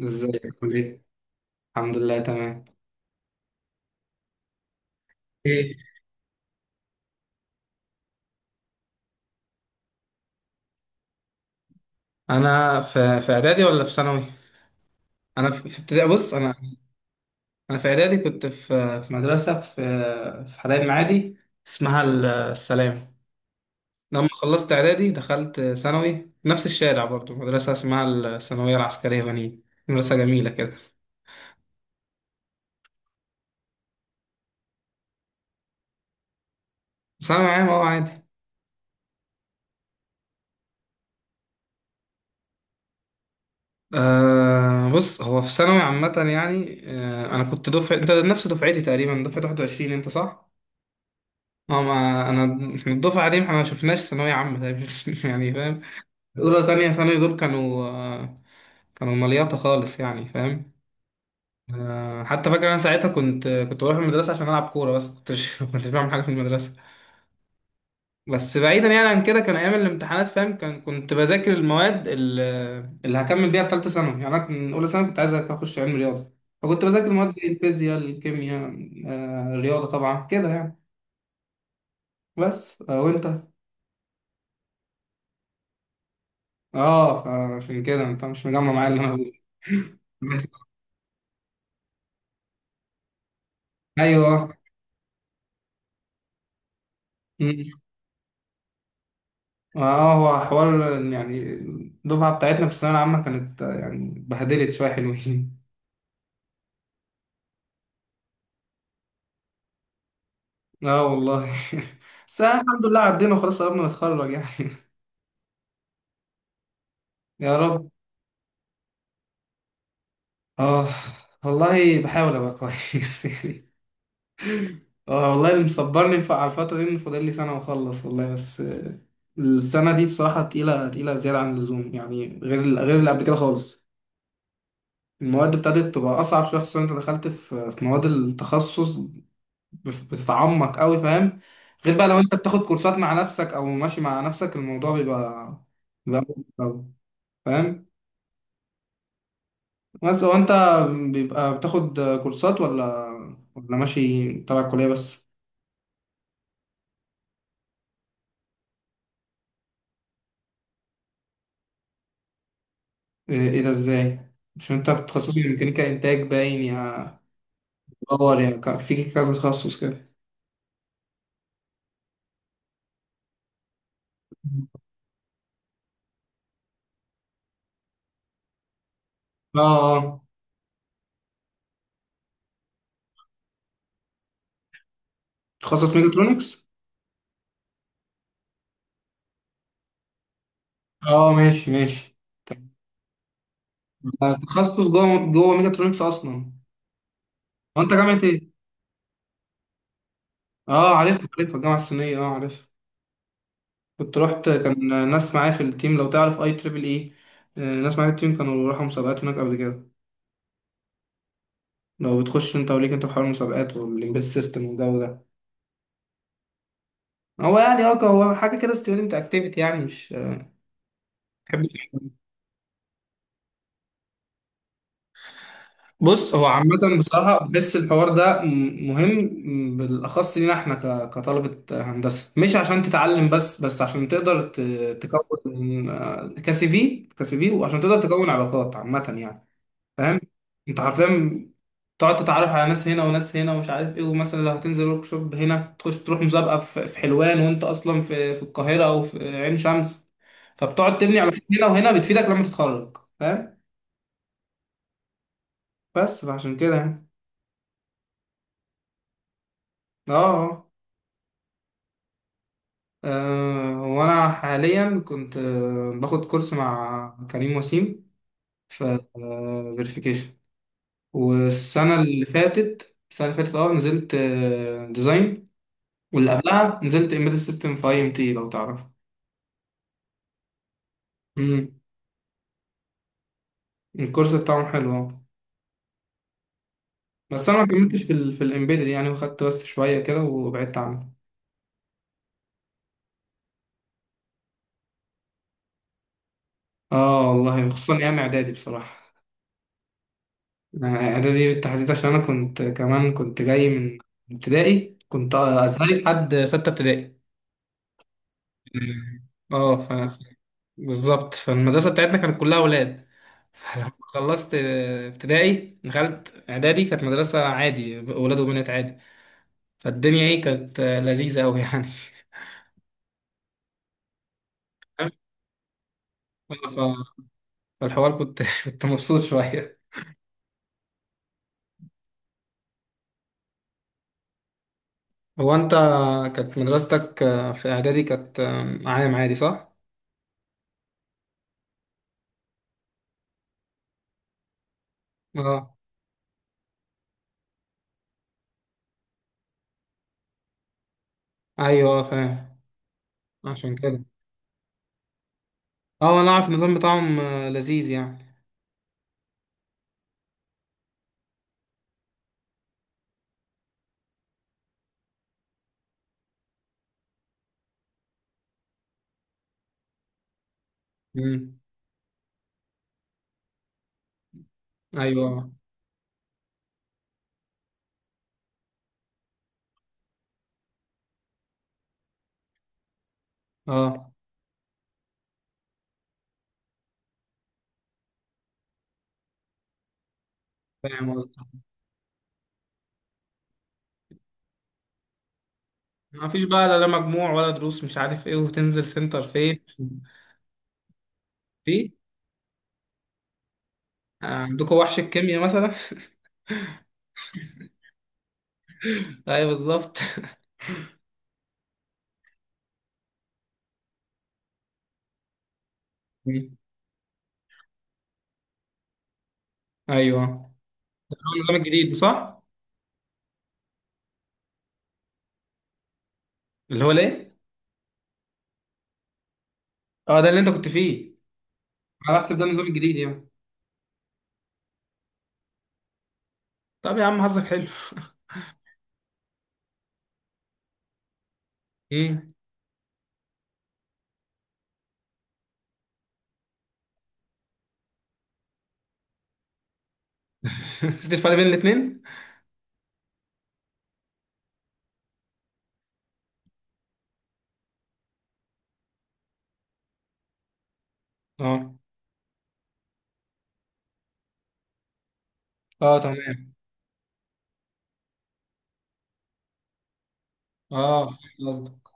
ازيك عامل ايه؟ الحمد لله تمام. ايه؟ انا في اعدادي ولا في ثانوي؟ انا في ابتدائي. بص انا انا في اعدادي كنت في في مدرسه في في حلايب معادي اسمها السلام. لما خلصت اعدادي دخلت ثانوي نفس الشارع برضو مدرسه اسمها الثانويه العسكريه بنين، مدرسه جميله كده. ثانوي عام اهو عادي. آه، بص هو في ثانوي عامة يعني، آه، أنا كنت دفعة أنت نفس دفعتي تقريبا، دفعة 21 أنت صح؟ اه، ما انا احنا الدفعه دي احنا ما شفناش ثانويه عامه تقريباً. يعني فاهم. اولى تانية ثانوي دول كانوا كانوا مليطه خالص يعني فاهم. آه، حتى فاكر انا ساعتها كنت بروح المدرسه عشان العب كوره، بس كنتش كنتش بعمل حاجه في المدرسه. بس بعيدا يعني عن كده، كان ايام الامتحانات فاهم، كان كنت بذاكر المواد اللي هكمل بيها في ثالثه ثانوي. يعني انا كنت اولى ثانوي كنت عايز اخش علم رياضه، فكنت بذاكر مواد زي الفيزياء، الكيمياء، الرياضه طبعا كده يعني. بس وانت؟ اه، فعشان كده انت مش مجمع معايا اللي انا بقوله. ايوه. مم. اه، هو حوار يعني الدفعه بتاعتنا في الثانويه العامه كانت يعني بهدلت شويه حلوين. اه والله. بس الحمد لله عدينا وخلاص قربنا نتخرج يعني. يا رب. اه والله بحاول ابقى كويس يعني. اه والله اللي مصبرني على الفتره دي ان فاضل لي سنه واخلص والله، بس السنه دي بصراحه تقيله، تقيله زياده عن اللزوم يعني، غير اللي قبل كده خالص. المواد ابتدت تبقى اصعب شويه، خصوصا انت دخلت في مواد التخصص، بتتعمق قوي فاهم. غير بقى لو انت بتاخد كورسات مع نفسك او ماشي مع نفسك الموضوع بيبقى مختلف أوي، فاهم. بس هو انت بيبقى بتاخد كورسات ولا ماشي تبع الكليه بس؟ إيه ده ازاي؟ مش انت بتخصصي ميكانيكا انتاج باين، يا باور يعني، في كذا تخصص كده. اه. اه، تخصص ميكاترونكس. اه ماشي ماشي. آه، تخصص جوه ميكاترونكس اصلا. هو انت جامعه ايه؟ اه، عارفها عارفها، الجامعه الصينيه، اه عارفها. كنت رحت، كان ناس معايا في التيم لو تعرف اي تريبل اي. آه، ناس معايا في التيم كانوا راحوا مسابقات هناك قبل كده. لو بتخش انت وليك انت في حوار المسابقات والامبيد سيستم والجو ده. هو يعني اه، هو حاجه كده ستودنت اكتيفيتي يعني، مش تحب. بص هو عامة بصراحة بحس الحوار ده مهم، بالأخص لينا احنا كطلبة هندسة، مش عشان تتعلم بس عشان تقدر تكون كسي في، وعشان تقدر تكون علاقات عامة يعني، فاهم. انت حرفيا تقعد تتعرف على ناس هنا وناس هنا ومش عارف ايه، ومثلا لو هتنزل ورك شوب هنا تخش تروح مسابقة في حلوان وانت أصلا في القاهرة أو في عين شمس، فبتقعد تبني علاقات هنا وهنا بتفيدك لما تتخرج فاهم. بس فعشان كده يعني. اه. آه. هو أنا حاليا كنت باخد كورس مع كريم وسيم في فيريفيكيشن. والسنة اللي فاتت اه نزلت ديزاين، واللي قبلها نزلت امبيدد سيستم في اي ام تي لو تعرف. امم. الكورس بتاعهم حلو اه، بس انا ما كملتش في ال الامبيدد يعني، وخدت بس شوية كده وبعدت عنه. اه والله خصوصا ايام اعدادي بصراحة. اعدادي بالتحديد عشان انا كنت كمان كنت جاي من ابتدائي، كنت ازهري لحد ستة ابتدائي. اه بالظبط. فالمدرسة بتاعتنا كانت كلها ولاد. لما خلصت ابتدائي دخلت اعدادي، كانت مدرسة عادي ولاد وبنات عادي، فالدنيا ايه كانت لذيذة اوي يعني. ف- فالحوار كنت كنت مبسوط شوية. هو انت كانت مدرستك في اعدادي كانت عام عادي صح؟ اه، ايوه فاهم عشان كده. اه انا اعرف النظام بتاعهم، لذيذ يعني. امم. ايوه. اه فاهم قصدك. ما فيش بقى لا لا مجموع، ولا دروس مش عارف ايه، وتنزل سنتر فين. في عندكم وحش الكيمياء مثلا. ايوه بالظبط. ايوه، ده هو النظام الجديد صح؟ اللي هو ليه. اه، ده اللي انت كنت فيه. انا بحسب ده النظام الجديد يعني. طب يا عم حظك حلو. امم. نسيت الفرق بين الاثنين. اه. اه تمام، اه فهمت قصدك،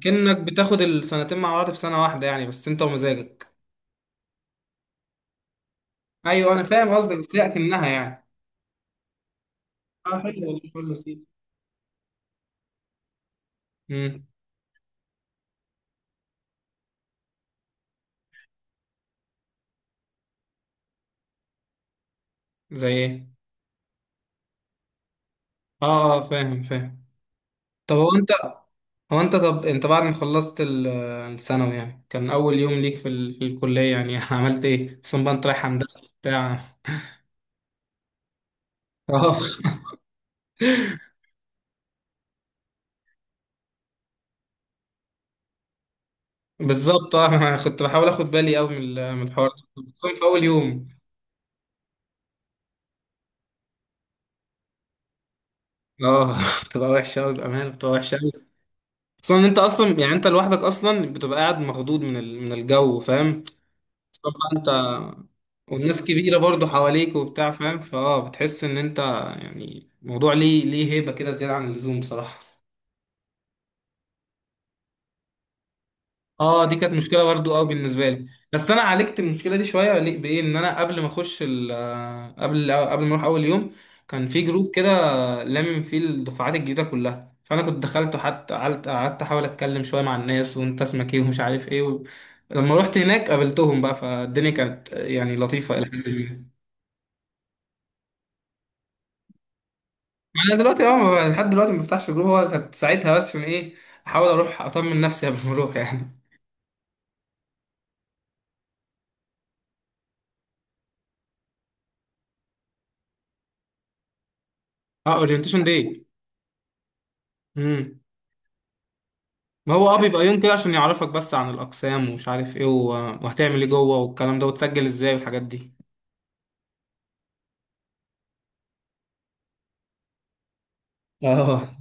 كأنك بتاخد السنتين مع بعض في سنة واحدة يعني، بس انت ومزاجك. ايوه انا فاهم قصدك، بس هي اكنها يعني. اه، حلو والله حلو سيدي. امم. زي ايه؟ اه اه فاهم فاهم. طب هو انت، هو انت طب انت بعد ما خلصت الثانوي يعني، كان اول يوم ليك في, في الكلية يعني عملت ايه؟ اصلا بقى انت رايح هندسة بتاع. اه بالظبط، اه انا كنت بحاول اخد بالي قوي من من الحوار ده، خصوصاً في اول يوم. اه بتبقى وحشة قوي بأمانة، بتبقى وحشة قوي. خصوصا ان انت اصلا يعني انت لوحدك اصلا بتبقى قاعد مخضوض من من الجو فاهم؟ طبعا انت والناس كبيرة برضو حواليك وبتاع فاهم، بتحس ان انت يعني موضوع ليه هيبة كده زيادة عن اللزوم بصراحة. اه دي كانت مشكلة برضو اه بالنسبة لي. بس انا عالجت المشكلة دي شوية بايه ان انا قبل ما اخش قبل ما اروح اول يوم كان في جروب كده، لامم فيه الدفعات الجديدة كلها، فانا كنت دخلت وحتى قعدت احاول اتكلم شوية مع الناس وانت اسمك ايه ومش عارف ايه و... لما رحت هناك قابلتهم بقى فالدنيا كانت يعني لطيفة الى حد ما. انا دلوقتي اه لحد دلوقتي ما بفتحش جروب، هو كانت ساعتها بس من ايه، احاول اروح اطمن نفسي قبل ما اروح يعني. اه، اورينتيشن داي. امم. ما هو اه بيبقى يوم كده عشان يعرفك بس عن الاقسام ومش عارف ايه، و وهتعمل ايه جوه والكلام ده وتسجل ازاي والحاجات دي. اه.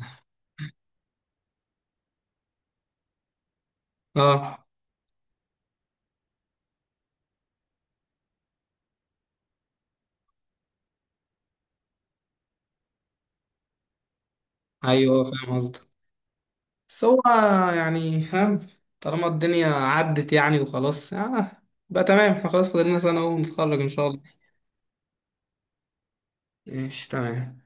اه ايوه فاهم قصدك. بس هو يعني فاهم، طالما الدنيا عدت يعني وخلاص، اه بقى تمام، احنا خلاص فاضل لنا سنه اهو ونتخرج ان شاء الله. ماشي تمام.